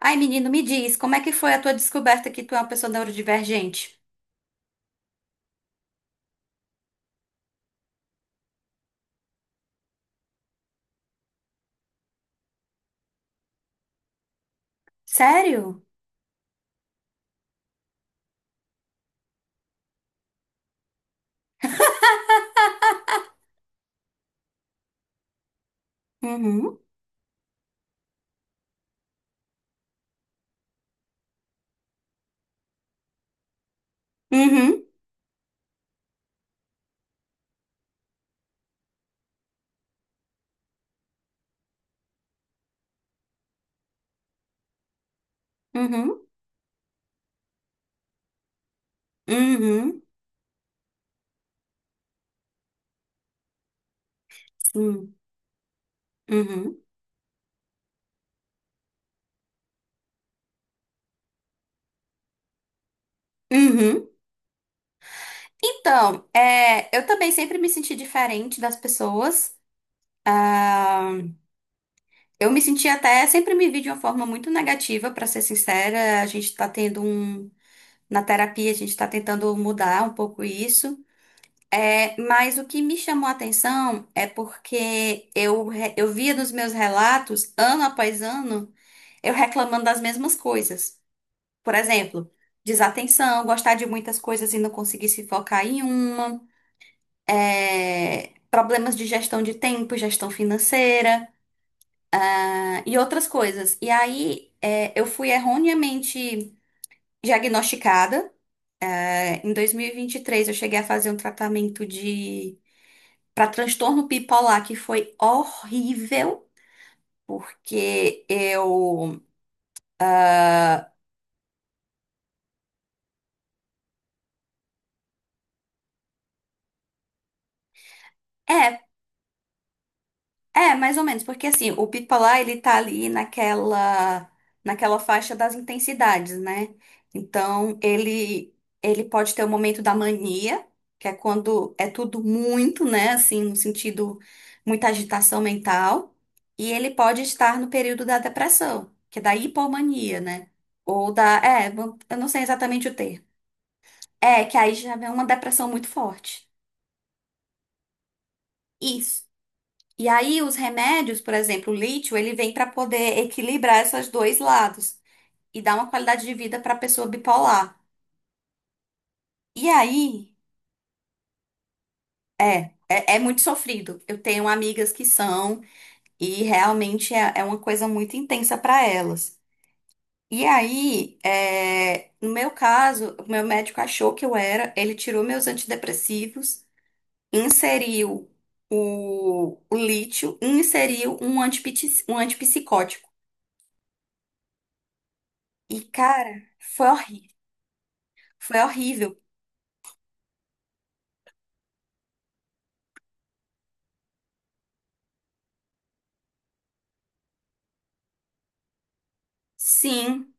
Ai, menino, me diz, como é que foi a tua descoberta que tu é uma pessoa neurodivergente? Sério? Uhum, uhum, uhum, uhum, sim, uhum, uhum. Então, eu também sempre me senti diferente das pessoas. Ah, eu me senti até, sempre me vi de uma forma muito negativa, pra ser sincera. A gente tá tendo um, na terapia, a gente tá tentando mudar um pouco isso. É, mas o que me chamou a atenção é porque eu, eu via nos meus relatos, ano após ano, eu reclamando das mesmas coisas. Por exemplo, desatenção, gostar de muitas coisas e não conseguir se focar em uma, problemas de gestão de tempo, gestão financeira, e outras coisas. E aí, eu fui erroneamente diagnosticada. É, em 2023, eu cheguei a fazer um tratamento de para transtorno bipolar, que foi horrível, porque eu. É, é, mais ou menos, porque assim, o bipolar ele tá ali naquela, naquela faixa das intensidades, né? Então, ele pode ter o momento da mania, que é quando é tudo muito, né? Assim, no sentido, muita agitação mental. E ele pode estar no período da depressão, que é da hipomania, né? Ou da. É, eu não sei exatamente o termo. É, que aí já vem uma depressão muito forte. Isso. E aí os remédios, por exemplo, o lítio, ele vem para poder equilibrar esses dois lados e dar uma qualidade de vida para a pessoa bipolar. E aí, é, é, é muito sofrido. Eu tenho amigas que são e realmente é, é uma coisa muito intensa para elas. E aí, no meu caso, o meu médico achou que eu era, ele tirou meus antidepressivos. Inseriu o lítio, inseriu um um antipsicótico. E, cara, foi horrível. Foi horrível. Sim.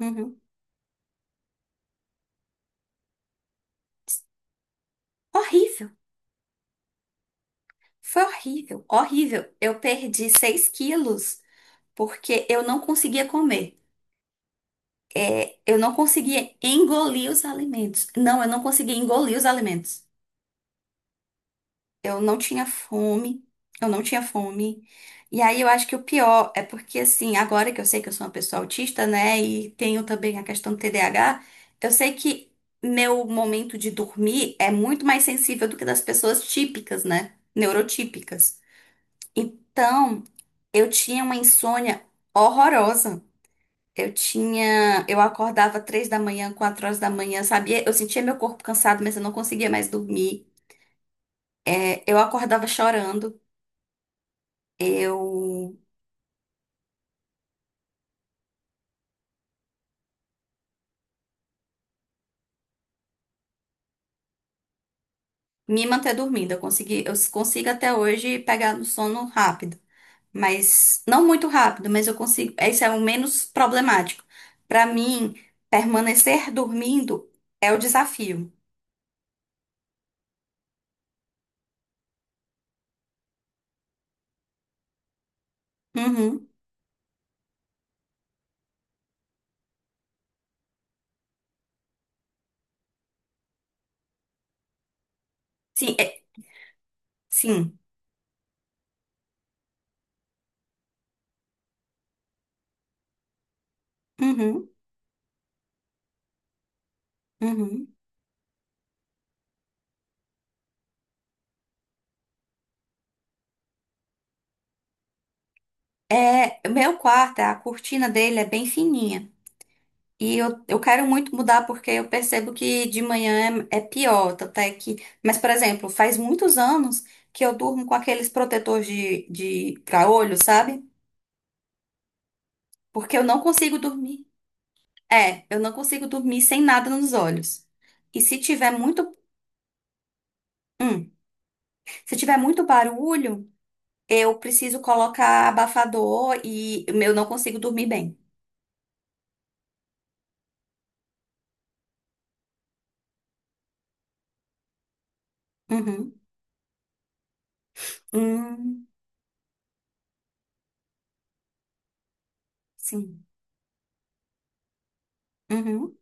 Uhum. Horrível. Foi horrível. Horrível. Eu perdi 6 quilos porque eu não conseguia comer. É, eu não conseguia engolir os alimentos. Não, eu não conseguia engolir os alimentos. Eu não tinha fome, eu não tinha fome. E aí eu acho que o pior é porque, assim, agora que eu sei que eu sou uma pessoa autista, né, e tenho também a questão do TDAH, eu sei que meu momento de dormir é muito mais sensível do que das pessoas típicas, né, neurotípicas. Então, eu tinha uma insônia horrorosa. Eu acordava três da manhã, quatro horas da manhã, sabia? Eu sentia meu corpo cansado, mas eu não conseguia mais dormir. É, eu acordava chorando. Eu me manter dormindo. Eu consigo até hoje pegar no sono rápido, mas não muito rápido, mas eu consigo. Esse é o menos problemático. Pra mim, permanecer dormindo é o desafio. Uhum. Sim, sim. Uhum, uhum. É, o meu quarto, a cortina dele é bem fininha. E eu quero muito mudar porque eu percebo que de manhã é, é pior, tanto é que... Mas, por exemplo, faz muitos anos que eu durmo com aqueles protetores de pra olho, sabe? Porque eu não consigo dormir. É, eu não consigo dormir sem nada nos olhos. E se tiver muito... Hum, se tiver muito barulho, eu preciso colocar abafador e eu não consigo dormir bem. Uhum. Hum, sim. Uhum.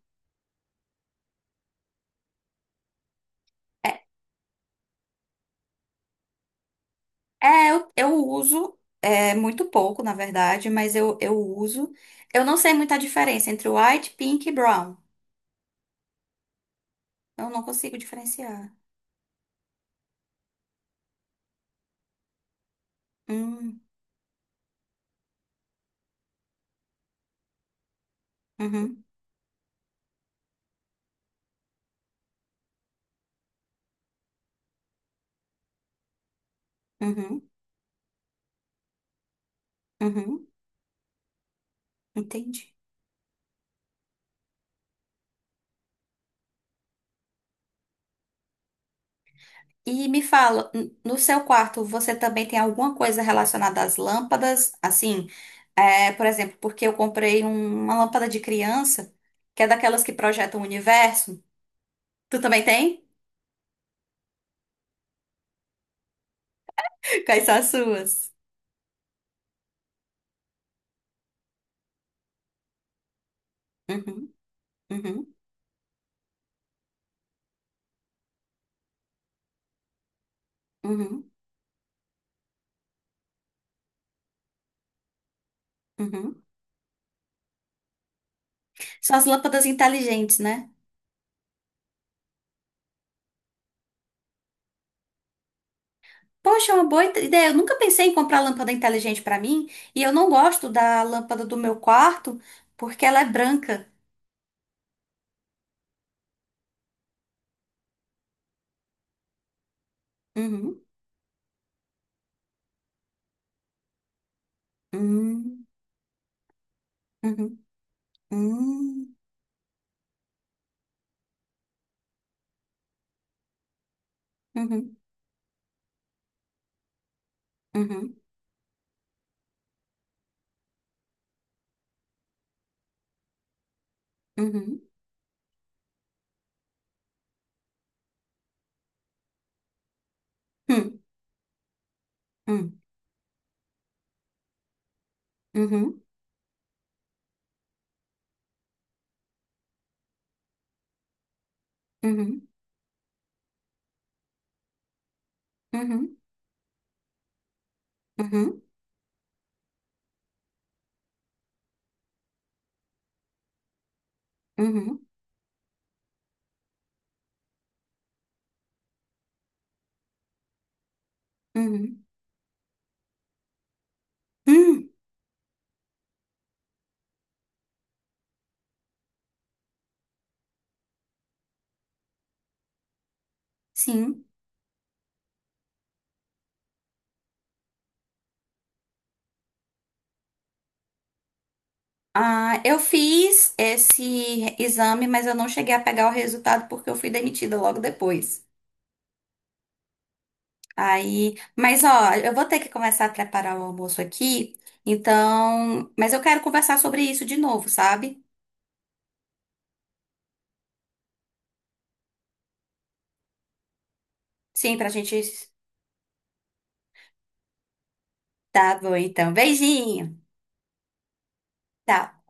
É, eu uso, é muito pouco, na verdade, mas eu uso. Eu não sei muita diferença entre white, pink e brown. Eu não consigo diferenciar. Hum, uhum, uhum, uhum, entendi. E me fala, no seu quarto, você também tem alguma coisa relacionada às lâmpadas? Assim, é, por exemplo, porque eu comprei uma lâmpada de criança, que é daquelas que projetam o universo. Tu também tem? Quais são as suas? Uhum, uhum, uhum, uhum. São as lâmpadas inteligentes, né? Poxa, é uma boa ideia. Eu nunca pensei em comprar lâmpada inteligente pra mim. E eu não gosto da lâmpada do meu quarto porque ela é branca. Uhum. Hum, uhum, hum, uhum, uhum, uhum, hum, hum, uhum, uhum, uhum, uhum, uhum, uhum. Hum, sim. Ah, eu fiz esse exame, mas eu não cheguei a pegar o resultado porque eu fui demitida logo depois. Aí, mas ó, eu vou ter que começar a preparar o almoço aqui, então, mas eu quero conversar sobre isso de novo, sabe? Sim, pra gente. Tá bom, então. Beijinho. Tchau.